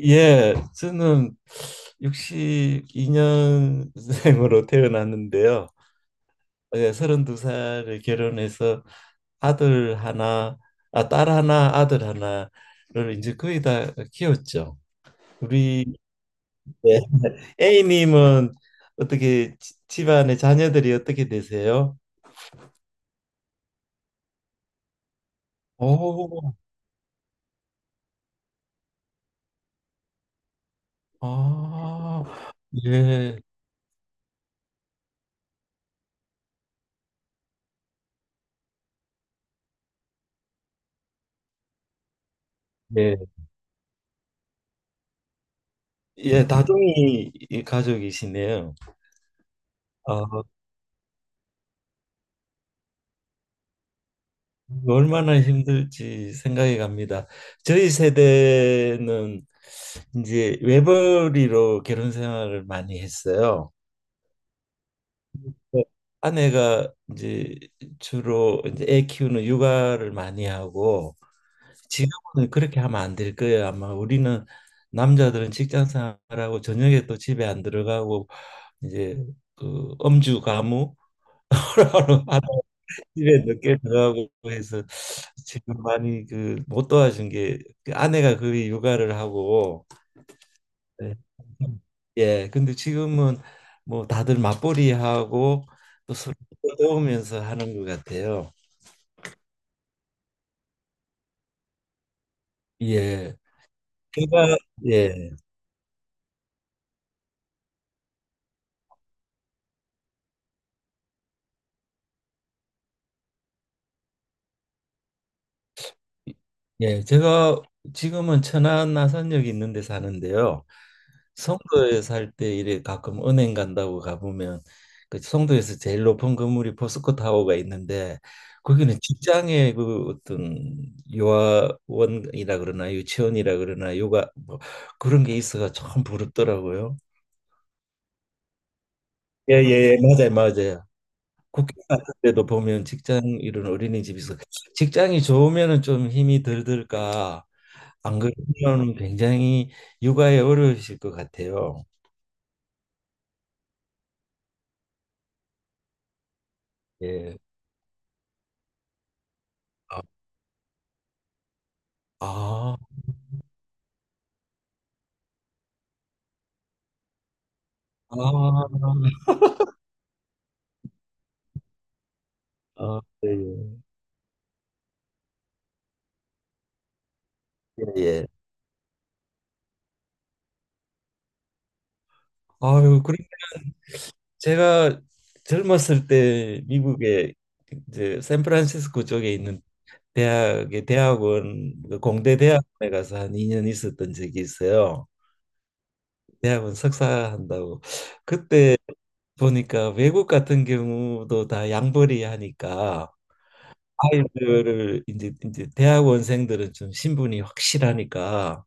예, 저는 62년생으로 태어났는데요. 예, 32살에 결혼해서 아들 하나, 아, 딸 하나, 아들 하나를 이제 거의 다 키웠죠. 우리 네. A님은 어떻게 집안의 자녀들이 어떻게 되세요? 오, 아, 예, 예, 예, 다둥이 가족이시네요. 아, 얼마나 힘들지 생각이 갑니다. 저희 세대는 이제 외벌이로 결혼 생활을 많이 했어요. 네. 아내가 이제 주로 이제 애 키우는 육아를 많이 하고. 지금은 그렇게 하면 안 될 거예요. 아마 우리는 남자들은 직장 생활하고 저녁에 또 집에 안 들어가고 이제 그 음주 가무 하는, 집에 늦게 들어가고 해서 지금 많이 그 못 도와준 게그 아내가 거의 육아를 하고. 네. 예, 근데 지금은 뭐 다들 맞벌이 하고 또 서로 도우면서 하는 것 같아요. 예. 제가 예, 예, 제가 지금은 천안 나산역 있는 데 사는데요. 송도에 살 때 이래 가끔 은행 간다고 가보면 그 송도에서 제일 높은 건물이 포스코 타워가 있는데, 거기는 직장의 그 어떤 요아원이라 그러나 유치원이라 그러나 요가 뭐 그런 게 있어가 참 부럽더라고요. 예예 예, 예, 맞아요 맞아요. 국회 같은 데도 보면 직장 이런 어린이집에서 직장이 좋으면은 좀 힘이 덜 들까, 안 그러면 굉장히 육아에 어려우실 것 같아요. 예. 아, 아. 아, 아, 예, 예. 예, 예. 아유, 그러면 제가 젊었을 때 미국에 이제 샌프란시스코 쪽에 있는 대학의 대학원, 그 공대 대학원에 가서 한 2년 있었던 적이 있어요. 대학원 석사한다고. 그때 보니까 외국 같은 경우도 다 양벌이 하니까 아이들을 이제 대학원생들은 좀 신분이 확실하니까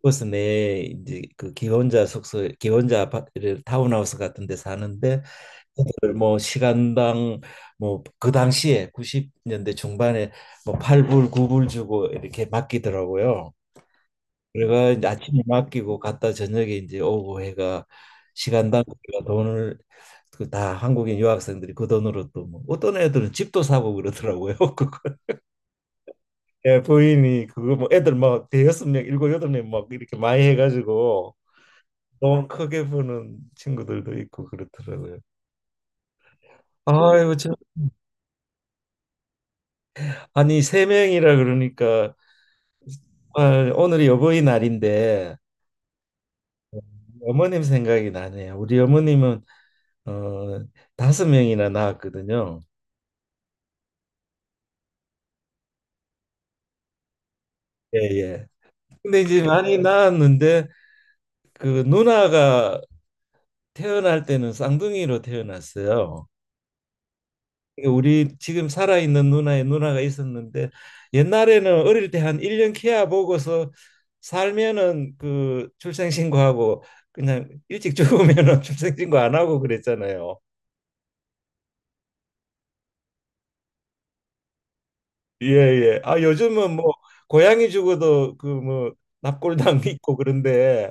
그래서 내 이제 그 기혼자 숙소, 기혼자 아파트를 타운하우스 같은 데 사는데, 그걸 뭐 시간당, 뭐 그 당시에 90년대 중반에 뭐 8불, 9불 주고 이렇게 맡기더라고요. 그래가 이제 아침에 맡기고 갔다 저녁에 이제 오고 해가 시간당 우리가 돈을, 그 다 한국인 유학생들이 그 돈으로 또 뭐 어떤 애들은 집도 사고 그러더라고요. 그거, 예, 부인이 그거 뭐 애들 막 대여섯 명, 일곱 여덟 명 막 이렇게 많이 해가지고 너무 크게 보는 친구들도 있고 그렇더라고요. 아유, 참. 아니 세 명이라 그러니까 정말 오늘이 어버이날인데 어머님 생각이 나네요. 우리 어머님은 어, 다섯 명이나 낳았거든요. 예, 예. 근데 이제 많이 낳았는데 그 누나가 태어날 때는 쌍둥이로 태어났어요. 우리 지금 살아있는 누나의 누나가 있었는데, 옛날에는 어릴 때 한 1년 케워 보고서 살면은 그 출생신고하고, 그냥 일찍 죽으면은 출생신고 안 하고 그랬잖아요. 예, 예. 아, 요즘은 뭐 고양이 죽어도 그 뭐 납골당 있고 그런데,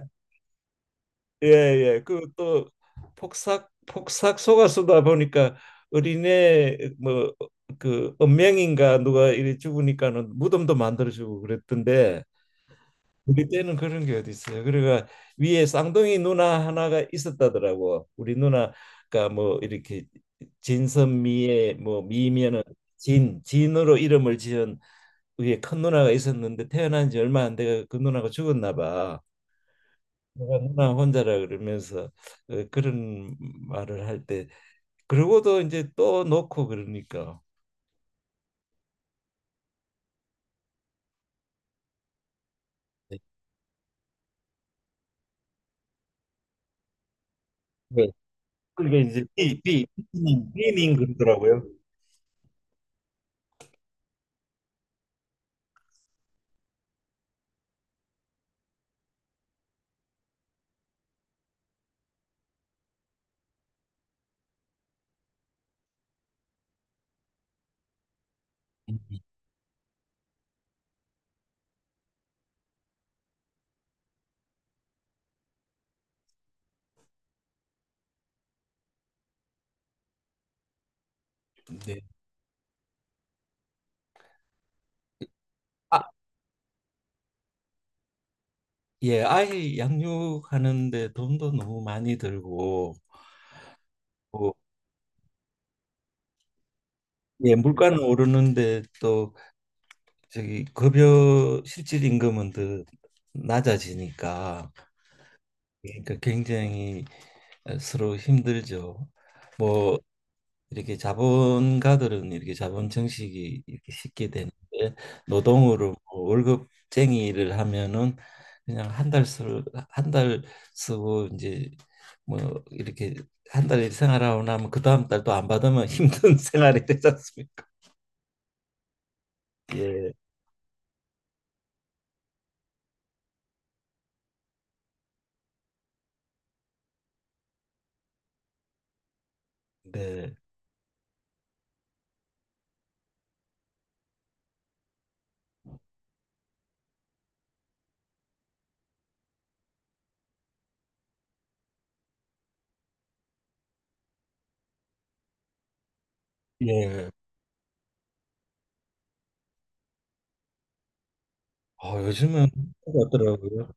예, 예. 그 또 폭삭 폭삭 속았수다 보니까 어린애 뭐 그 은명인가 누가 이래 죽으니까는 무덤도 만들어 주고 그랬던데, 우리 때는 그런 게 어디 있어요. 그러니까 위에 쌍둥이 누나 하나가 있었다더라고. 우리 누나가 뭐 이렇게 진선미의 뭐 미면은 진, 진으로 이름을 지은 위에 큰 누나가 있었는데 태어난 지 얼마 안 돼가 그 누나가 죽었나 봐. 내가 누나 혼자라 그러면서 어, 그런 말을 할 때 그러고도 이제 또 놓고 그러니까. 네. 그게 이제 B B B님 B님 그러더라고요. 네. 예, 아이 양육하는데 돈도 너무 많이 들고, 뭐, 예, 물가는 오르는데 또 저기 급여 실질 임금은 더 낮아지니까 그러니까 굉장히 서로 힘들죠. 뭐 이렇게 자본가들은 이렇게 자본 증식이 이렇게 쉽게 되는데 노동으로 뭐 월급쟁이 일을 하면은 그냥 한 달 쓰 한달 쓰고 이제 뭐 이렇게 한 달 생활하고 나면 그 다음 달 또 안 받으면 힘든 생활이 되지 않습니까? 예, 네, 예. 어, 요즘은 그렇더라고요.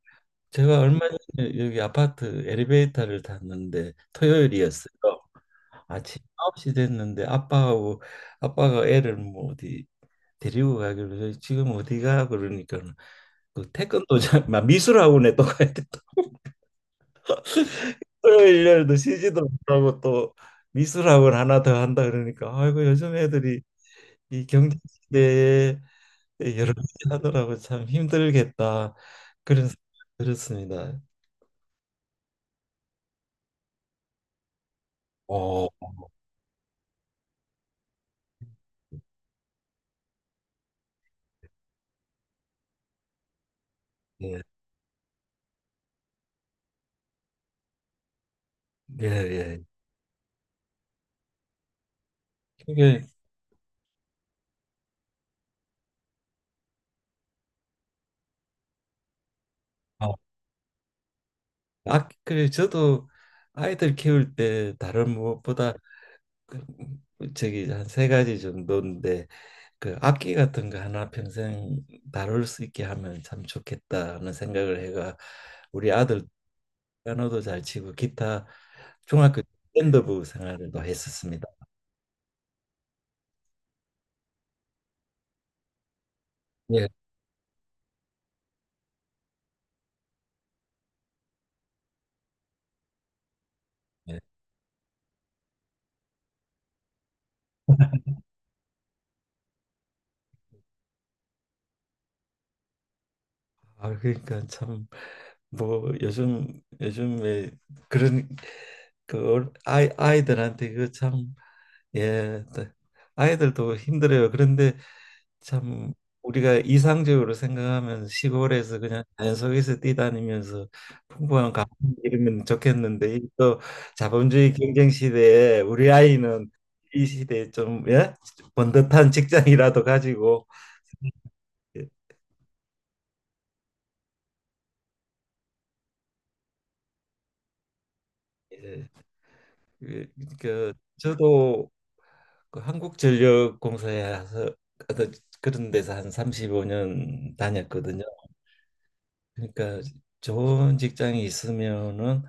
제가 얼마 전에 여기 아파트 엘리베이터를 탔는데 토요일이었어요. 아침 9시 됐는데 아빠하고 아빠가 애를 뭐 어디 데리고 가길래 저희 지금 어디가 그러니까 그 태권도장 막 미술학원에 또 가야 돼. 또 토요일 날도 쉬지도 못하고 또 미술학원 하나 더 한다 그러니까 아이고 요즘 애들이 이 경제 시대에 여러 가지 하더라고 참 힘들겠다 그런 생각이 들었습니다. 오 예, 예, 예. 그게 아, 아, 그래 저도 아이들 키울 때 다른 무엇보다 그, 저기 한 세 가지 정도인데 그 악기 같은 거 하나 평생 다룰 수 있게 하면 참 좋겠다는 생각을 해가 우리 아들 피아노도 잘 치고 기타 중학교 때 밴드부 생활을 또 했었습니다. 예. 예. 아 그러니까 참 뭐 요즘에 그런 그 아이들한테 그참 예, 또 아이들도 힘들어요. 그런데 참 우리가 이상적으로 생각하면 시골에서 그냥 자연 속에서 뛰다니면서 풍부한 감을 이루면 좋겠는데 이또 자본주의 경쟁 시대에 우리 아이는 이 시대에 좀 예? 번듯한 직장이라도 가지고. 예, 예. 그, 그 저도 그 한국전력공사에서 어떤 그런 데서 한 35년 다녔거든요. 그러니까 좋은 직장이 있으면은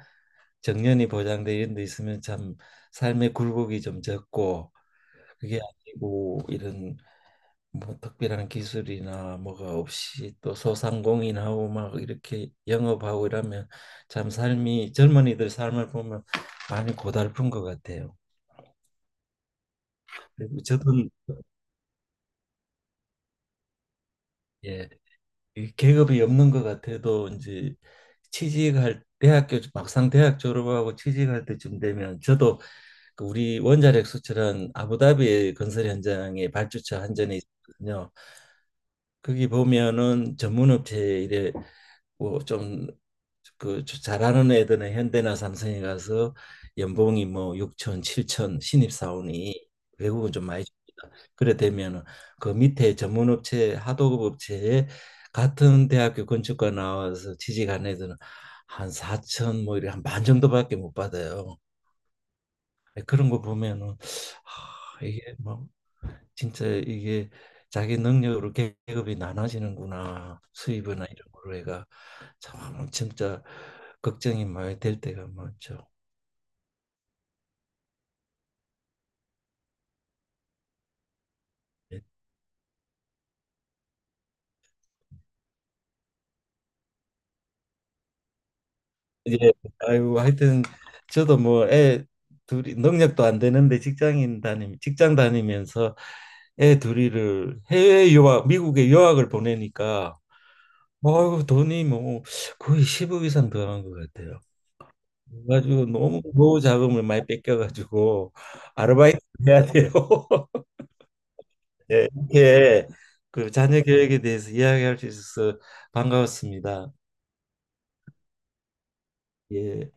정년이 보장돼 이런 데 있으면 참 삶의 굴곡이 좀 적고, 그게 아니고 이런 뭐 특별한 기술이나 뭐가 없이 또 소상공인하고 막 이렇게 영업하고 이러면 참 삶이 젊은이들 삶을 보면 많이 고달픈 것 같아요. 그리고 저도 예, 이 계급이 없는 것 같아도 이제 취직할 대학교 막상 대학 졸업하고 취직할 때쯤 되면 저도 그 우리 원자력 수출은 아부다비 건설 현장의 발주처 한전에 있거든요. 거기 보면은 전문업체 이래 뭐좀그 잘하는 애들은 현대나 삼성에 가서 연봉이 뭐 6천, 7천 신입 사원이 외국은 좀 많이 줍니다. 그래 되면은 그 밑에 전문업체 하도급 업체에 같은 대학교 건축과 나와서 취직한 애들은 한 4천 뭐 이래 한 반 정도밖에 못 받아요. 네, 그런 거 보면은 아, 이게 뭐 진짜 이게 자기 능력으로 계급이 나눠지는구나, 수입이나 이런 거로 해가 참 진짜 걱정이 많이 될 때가 많죠. 예, 아이고 하여튼 저도 뭐 애 둘이 능력도 안 되는데 직장 다니면서 애 둘이를 해외 유학 미국에 유학을 보내니까 아이고 돈이 뭐 거의 10억 이상 들어간 것 같아요. 그래가지고 너무 노후 자금을 많이 뺏겨가지고 아르바이트 해야 돼요. 예, 이렇게 그 자녀 교육에 대해서 이야기할 수 있어서 반가웠습니다. 예.